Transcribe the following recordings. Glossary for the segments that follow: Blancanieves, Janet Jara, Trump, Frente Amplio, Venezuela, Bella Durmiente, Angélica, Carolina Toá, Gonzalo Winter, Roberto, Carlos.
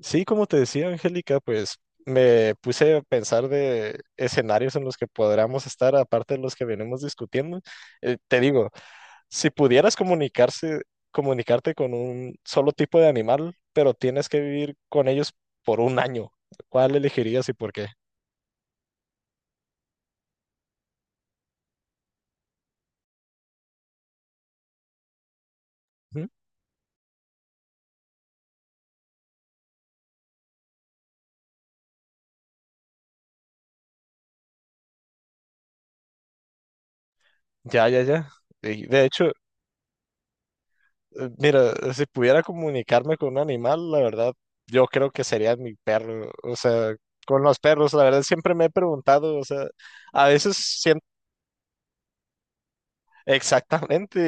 Sí, como te decía, Angélica, pues me puse a pensar de escenarios en los que podríamos estar, aparte de los que venimos discutiendo. Te digo, si pudieras comunicarte con un solo tipo de animal, pero tienes que vivir con ellos por un año. ¿Cuál elegirías y por qué? Ujú. Ya, ya, ya. Y de hecho, mira, si pudiera comunicarme con un animal, la verdad, yo creo que sería mi perro. O sea, con los perros, la verdad, siempre me he preguntado, o sea, a veces siento exactamente,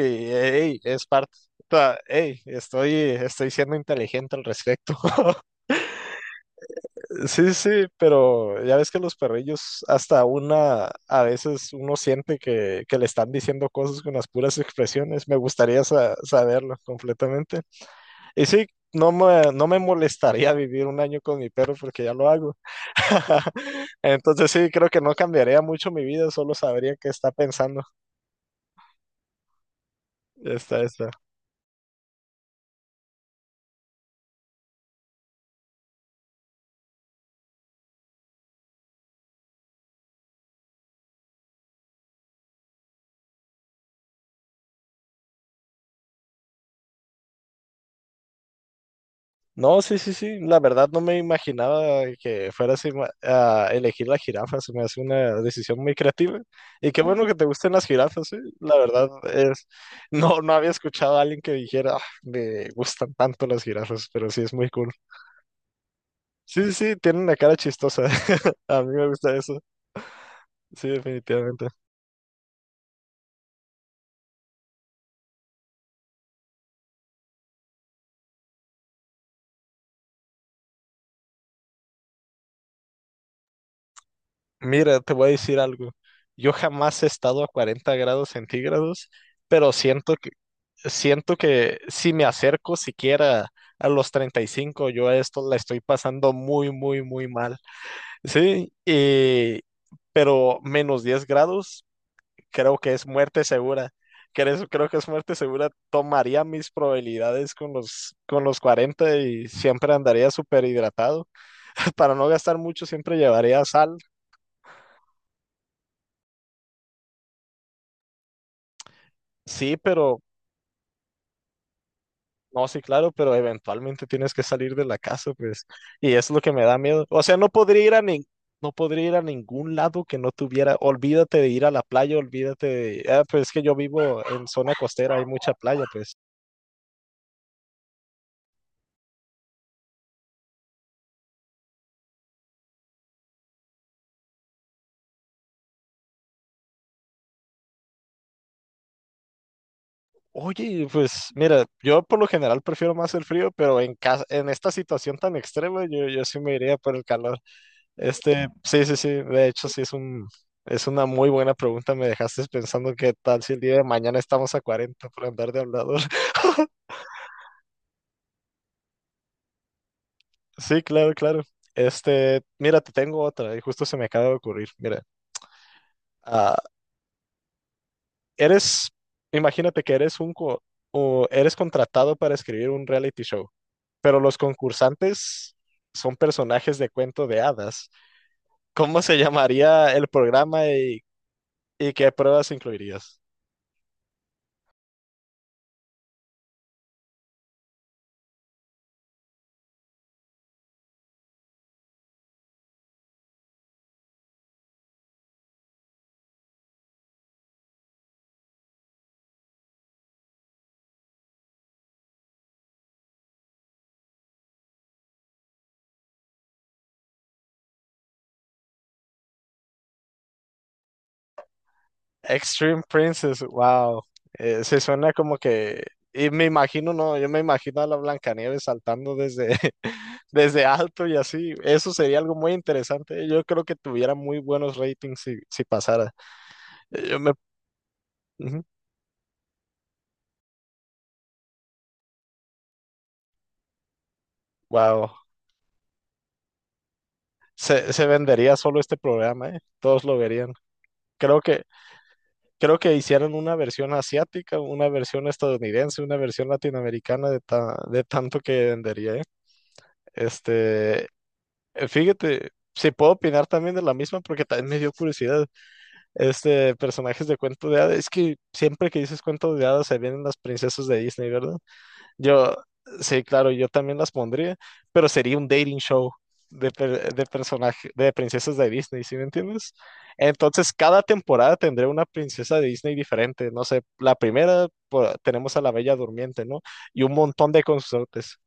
ey, es parte, o sea, ey, estoy siendo inteligente al respecto. Sí, sí, pero ya ves que los perrillos, hasta una, a veces uno siente que le están diciendo cosas con las puras expresiones. Me gustaría saberlo completamente. Y sí, no me molestaría vivir un año con mi perro porque ya lo hago. Entonces sí, creo que no cambiaría mucho mi vida, solo sabría qué está pensando. Está, está. No, sí, sí, sí, la verdad no me imaginaba que fuera así, a elegir la jirafa, se me hace una decisión muy creativa. Y qué bueno que te gusten las jirafas, sí. La verdad es, no, no había escuchado a alguien que dijera: "Ah, me gustan tanto las jirafas, pero sí es muy cool." Sí, sí, sí, tienen una cara chistosa. A mí me gusta eso. Sí, definitivamente. Mira, te voy a decir algo. Yo jamás he estado a 40 grados centígrados, pero siento que, si me acerco siquiera a los 35, yo a esto la estoy pasando muy, muy, muy mal. Sí, pero menos 10 grados, creo que es muerte segura. Creo que es muerte segura. Tomaría mis probabilidades con los 40 y siempre andaría súper hidratado. Para no gastar mucho, siempre llevaría sal. Sí, pero no, sí, claro, pero eventualmente tienes que salir de la casa, pues. Y es lo que me da miedo. O sea, no podría ir a nin- no podría ir a ningún lado que no tuviera. Olvídate de ir a la playa, olvídate de. Ah, pues es que yo vivo en zona costera, hay mucha playa, pues. Oye, pues mira, yo por lo general prefiero más el frío, pero en casa, en esta situación tan extrema, yo sí me iría por el calor. Este, sí, sí, sí, de hecho sí es es una muy buena pregunta, me dejaste pensando qué tal si el día de mañana estamos a 40 por andar de hablador. Sí, claro, claro. Este, mira, te tengo otra y justo se me acaba de ocurrir. Mira, ah, eres, imagínate que eres o eres contratado para escribir un reality show, pero los concursantes son personajes de cuento de hadas. ¿Cómo se llamaría el programa y qué pruebas incluirías? Extreme Princess, wow. Se suena como que. Y me imagino, no, yo me imagino a la Blancanieves saltando desde alto y así. Eso sería algo muy interesante. Yo creo que tuviera muy buenos ratings si pasara. Yo me. Ujú. Wow. Se vendería solo este programa, ¿eh? Todos lo verían. Creo que, creo que hicieron una versión asiática, una versión estadounidense, una versión latinoamericana de tanto que vendería, ¿eh? Este, fíjate, si puedo opinar también de la misma porque también me dio curiosidad. Este, personajes de cuento de hadas, es que siempre que dices cuento de hadas se vienen las princesas de Disney, ¿verdad? Yo, sí, claro, yo también las pondría, pero sería un dating show de personaje, de princesas de Disney. ¿Sí me entiendes? Entonces, cada temporada tendré una princesa de Disney diferente, no sé, la primera pues, tenemos a la Bella Durmiente, ¿no? Y un montón de consortes.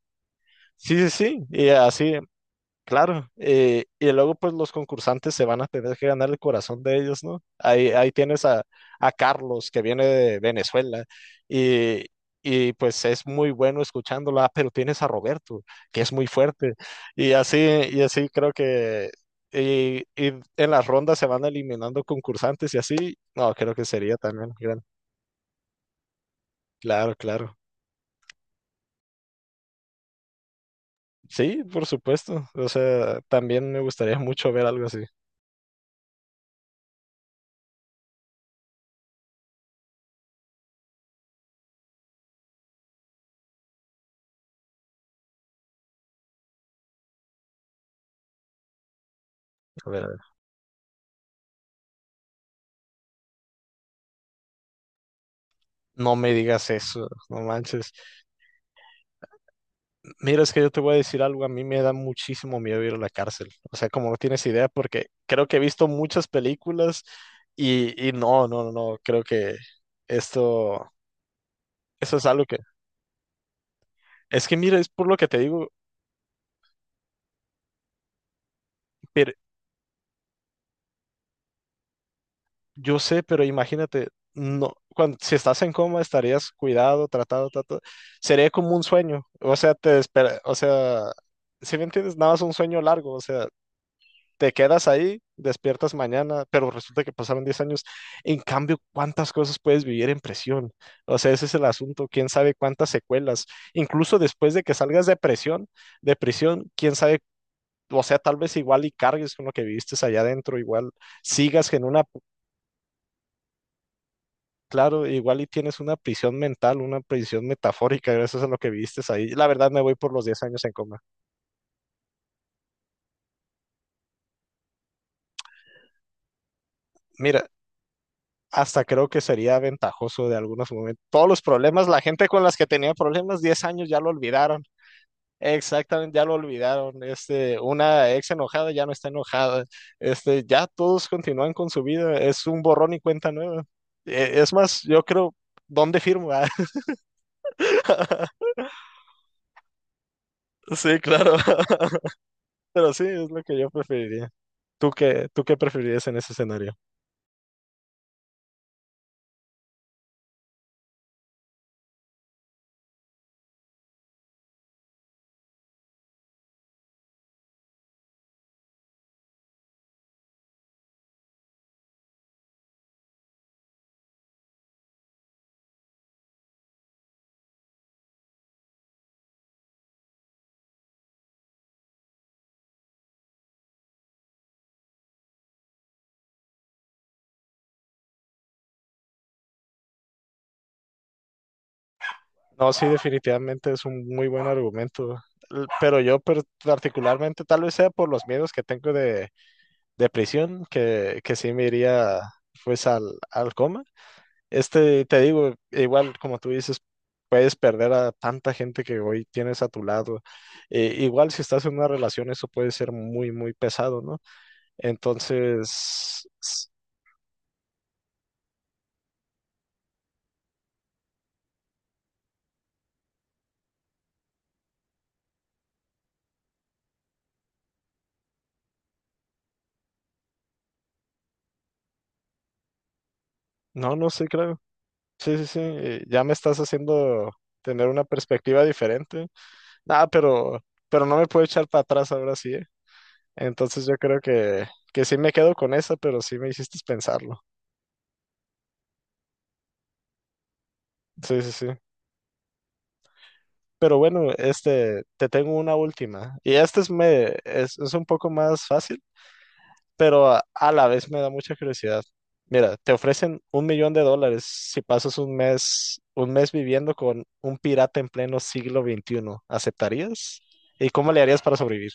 Sí, sí, sí, y así. Claro, y luego pues los concursantes se van a tener que ganar el corazón de ellos, ¿no? Ahí tienes a Carlos, que viene de Venezuela y, y pues es muy bueno escuchándola, pero tienes a Roberto, que es muy fuerte y así, creo que y en las rondas se van eliminando concursantes y así, no, creo que sería también gran-. Claro, claro. Sí, por supuesto. O sea, también me gustaría mucho ver algo así. A ver, a ver. No me digas eso, no manches. Mira, es que yo te voy a decir algo, a mí me da muchísimo miedo ir a la cárcel. O sea, como no tienes idea, porque creo que he visto muchas películas y no, no, no, no, creo que esto, eso es algo que, es que mira, es por lo que te digo, pero yo sé, pero imagínate, no, cuando, si estás en coma estarías cuidado, tratado, sería como un sueño, o sea, te espera, o sea, si me entiendes, nada más un sueño largo, o sea, te quedas ahí, despiertas mañana, pero resulta que pasaron 10 años. En cambio, ¿cuántas cosas puedes vivir en prisión? O sea, ese es el asunto, quién sabe cuántas secuelas. Incluso después de que salgas de prisión, quién sabe, o sea, tal vez igual y cargues con lo que viviste allá adentro, igual sigas en una, claro, igual y tienes una prisión mental, una prisión metafórica gracias a lo que viviste ahí. La verdad me voy por los 10 años en coma. Mira, hasta creo que sería ventajoso de algunos momentos. Todos los problemas, la gente con las que tenía problemas 10 años ya lo olvidaron. Exactamente, ya lo olvidaron. Este, una ex enojada ya no está enojada. Este, ya todos continúan con su vida. Es un borrón y cuenta nueva. Es más, yo creo, ¿dónde firmo? ¿Ah? Sí, claro. Pero sí, es lo que yo preferiría. ¿Tú qué preferirías en ese escenario? No, sí, definitivamente es un muy buen argumento, pero yo particularmente tal vez sea por los miedos que tengo de prisión, que sí me iría pues al coma. Este, te digo, igual como tú dices, puedes perder a tanta gente que hoy tienes a tu lado. Igual si estás en una relación, eso puede ser muy, muy pesado, ¿no? Entonces, no, no sé, creo. Sí, sí, sí, ya me estás haciendo tener una perspectiva diferente. Ah, pero no me puedo echar para atrás ahora sí, ¿eh? Entonces yo creo que sí me quedo con esa, pero sí me hiciste pensarlo. Sí, sí, sí. Pero bueno, este, te tengo una última. Y esta es un poco más fácil, pero a la vez me da mucha curiosidad. Mira, te ofrecen 1 millón de dólares si pasas un mes viviendo con un pirata en pleno siglo XXI. ¿Aceptarías? ¿Y cómo le harías para sobrevivir?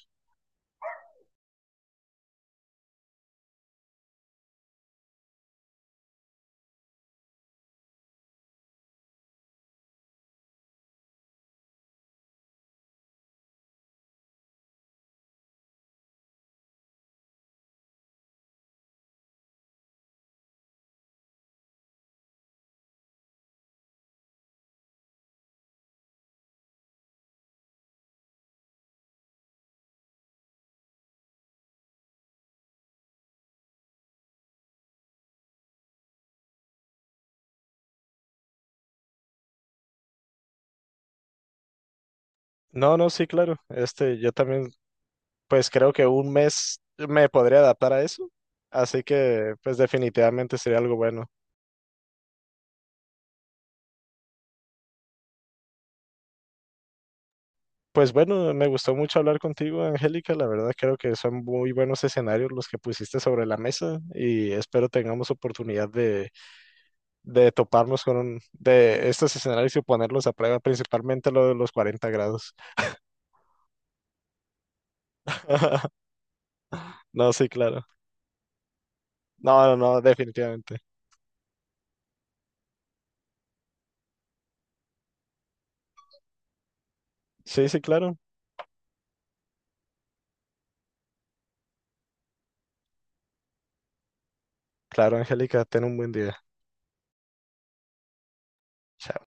No, no, sí, claro. Este, yo también, pues creo que un mes me podría adaptar a eso. Así que pues definitivamente sería algo bueno. Pues bueno, me gustó mucho hablar contigo, Angélica. La verdad creo que son muy buenos escenarios los que pusiste sobre la mesa y espero tengamos oportunidad de toparnos con de estos escenarios y ponerlos a prueba, principalmente lo de los 40 grados. No, sí, claro. No, no, no, definitivamente. Sí, sí, claro. Claro, Angélica, ten un buen día. Chao.